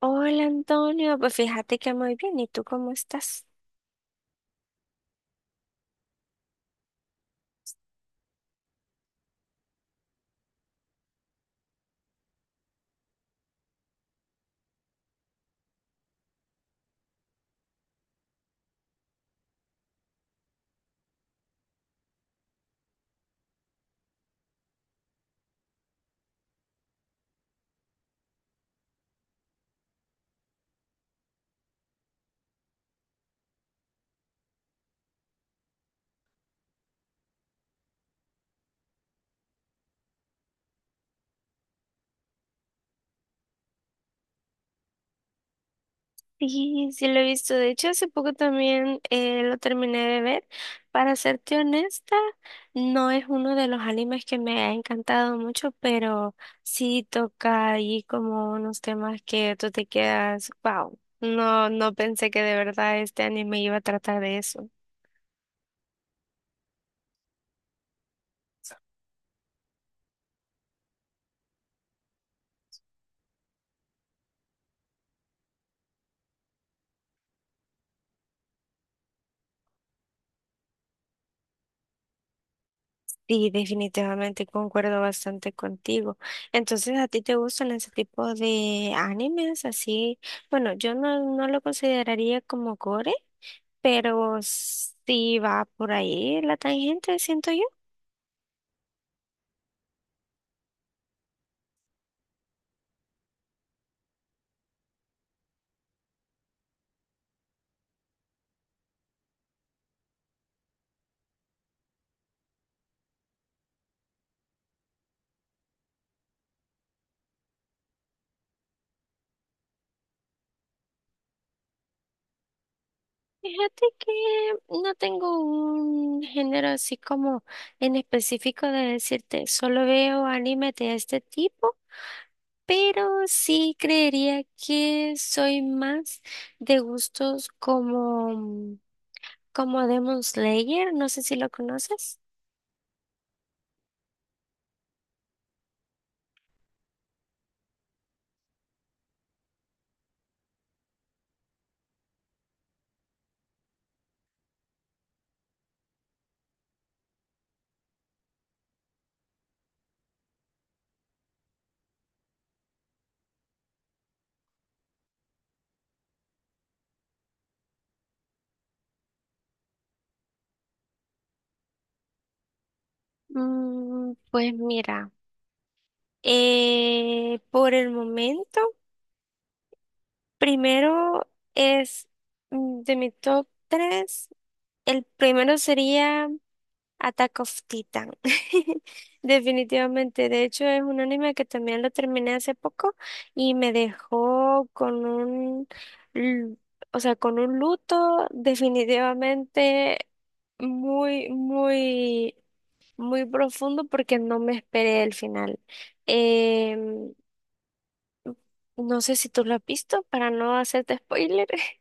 Hola Antonio, pues fíjate que muy bien, ¿y tú cómo estás? Sí, sí lo he visto. De hecho, hace poco también lo terminé de ver. Para serte honesta, no es uno de los animes que me ha encantado mucho, pero sí toca ahí como unos temas que tú te quedas, wow, no, no pensé que de verdad este anime iba a tratar de eso. Sí, definitivamente concuerdo bastante contigo. Entonces, ¿a ti te gustan ese tipo de animes así? Bueno, yo no, no lo consideraría como gore, pero sí va por ahí la tangente, siento yo. Fíjate que no tengo un género así como en específico de decirte, solo veo anime de este tipo, pero sí creería que soy más de gustos como Demon Slayer, no sé si lo conoces. Pues mira, por el momento, primero es de mi top 3 el primero sería Attack of Titan. Definitivamente, de hecho es un anime que también lo terminé hace poco y me dejó con un, l- o sea, con un luto definitivamente muy, muy muy profundo porque no me esperé el final. Em, no sé si tú lo has visto para no hacerte spoiler.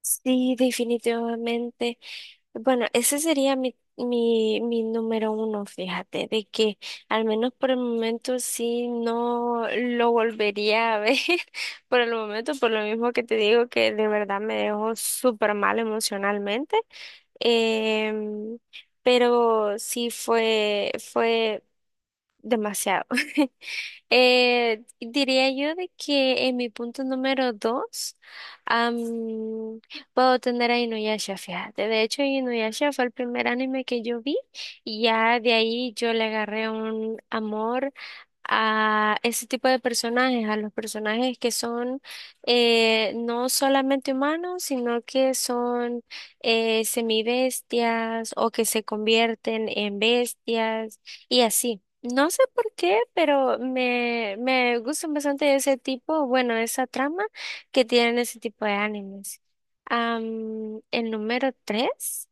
Sí, definitivamente. Bueno, ese sería mi número uno, fíjate, de que al menos por el momento sí no lo volvería a ver por el momento, por lo mismo que te digo que de verdad me dejó súper mal emocionalmente. Em, pero sí fue demasiado. Diría yo de que en mi punto número dos am, puedo tener a Inuyasha, fíjate. De hecho, Inuyasha fue el primer anime que yo vi y ya de ahí yo le agarré un amor a ese tipo de personajes, a los personajes que son no solamente humanos, sino que son semibestias o que se convierten en bestias y así. No sé por qué, pero me gustan bastante ese tipo, bueno, esa trama que tienen ese tipo de animes. El número 3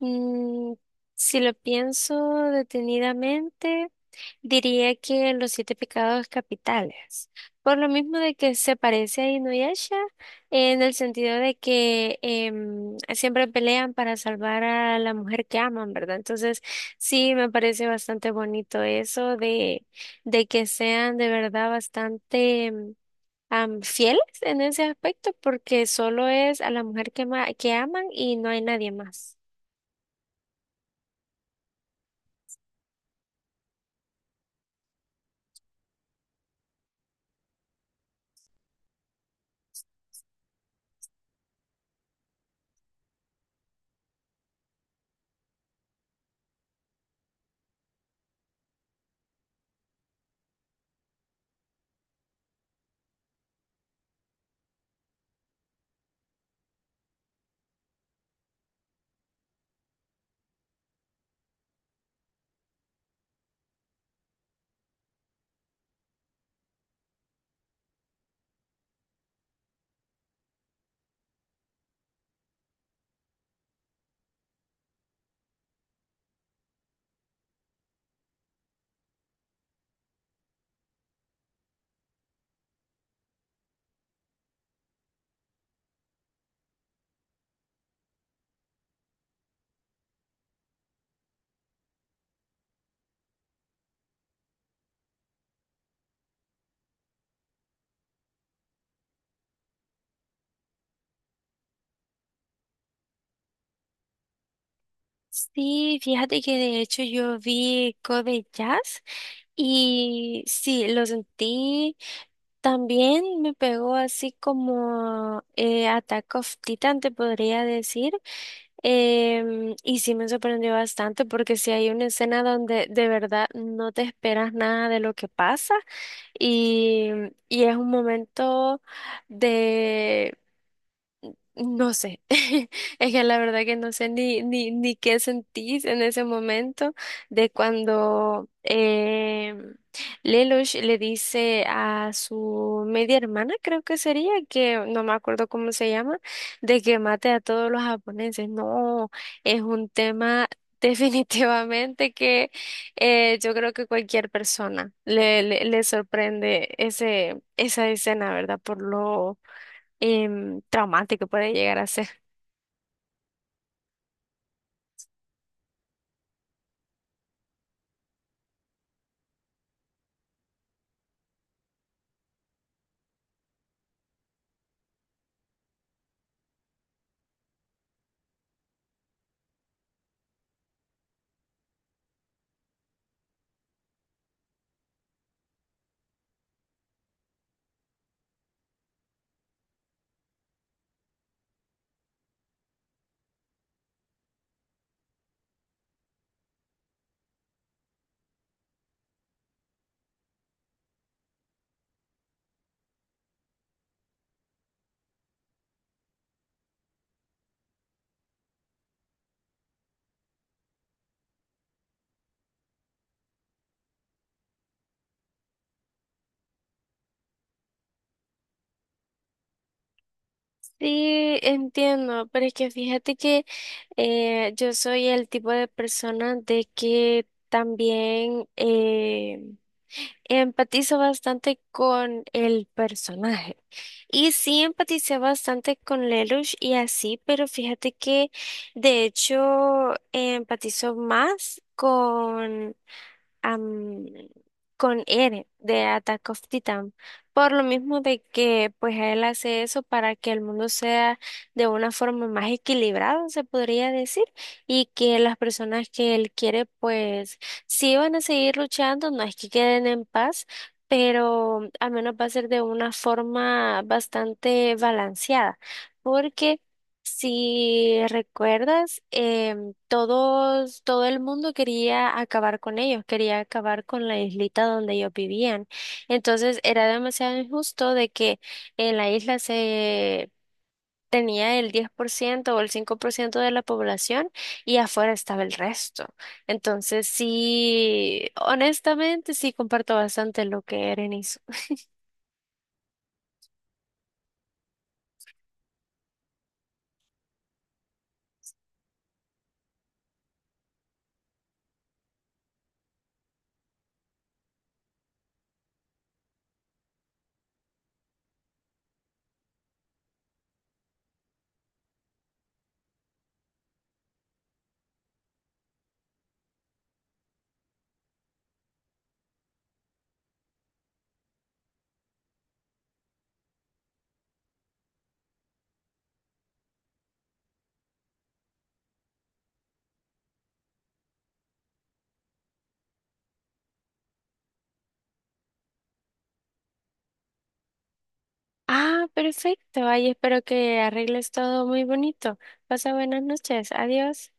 Mm, si lo pienso detenidamente, diría que Los Siete Pecados Capitales. Por lo mismo de que se parece a Inuyasha, en el sentido de que siempre pelean para salvar a la mujer que aman, ¿verdad? Entonces, sí, me parece bastante bonito eso de que sean de verdad bastante fieles en ese aspecto, porque solo es a la mujer que, que aman y no hay nadie más. Sí, fíjate que de hecho yo vi Code Jazz y sí, lo sentí. También me pegó así como Attack of Titan, te podría decir. Y sí me sorprendió bastante porque sí hay una escena donde de verdad no te esperas nada de lo que pasa y, y es un momento de. No sé, es que la verdad que no sé ni qué sentís en ese momento de cuando Lelouch le dice a su media hermana, creo que sería, que no me acuerdo cómo se llama, de que mate a todos los japoneses. No, es un tema definitivamente que yo creo que cualquier persona le sorprende esa escena, ¿verdad? Por lo traumático puede llegar a ser. Sí, entiendo, pero es que fíjate que yo soy el tipo de persona de que también empatizo bastante con el personaje. Y sí empaticé bastante con Lelouch y así, pero fíjate que de hecho empatizo más am, con Eren de Attack of Titan, por lo mismo de que pues él hace eso para que el mundo sea de una forma más equilibrada, se podría decir, y que las personas que él quiere pues sí van a seguir luchando, no es que queden en paz, pero al menos va a ser de una forma bastante balanceada, porque si recuerdas, todo el mundo quería acabar con ellos, quería acabar con la islita donde ellos vivían. Entonces era demasiado injusto de que en la isla se tenía el 10% o el 5% de la población y afuera estaba el resto. Entonces sí, honestamente sí comparto bastante lo que Eren hizo. Ah, perfecto. Ay, espero que arregles todo muy bonito. Pasa buenas noches. Adiós.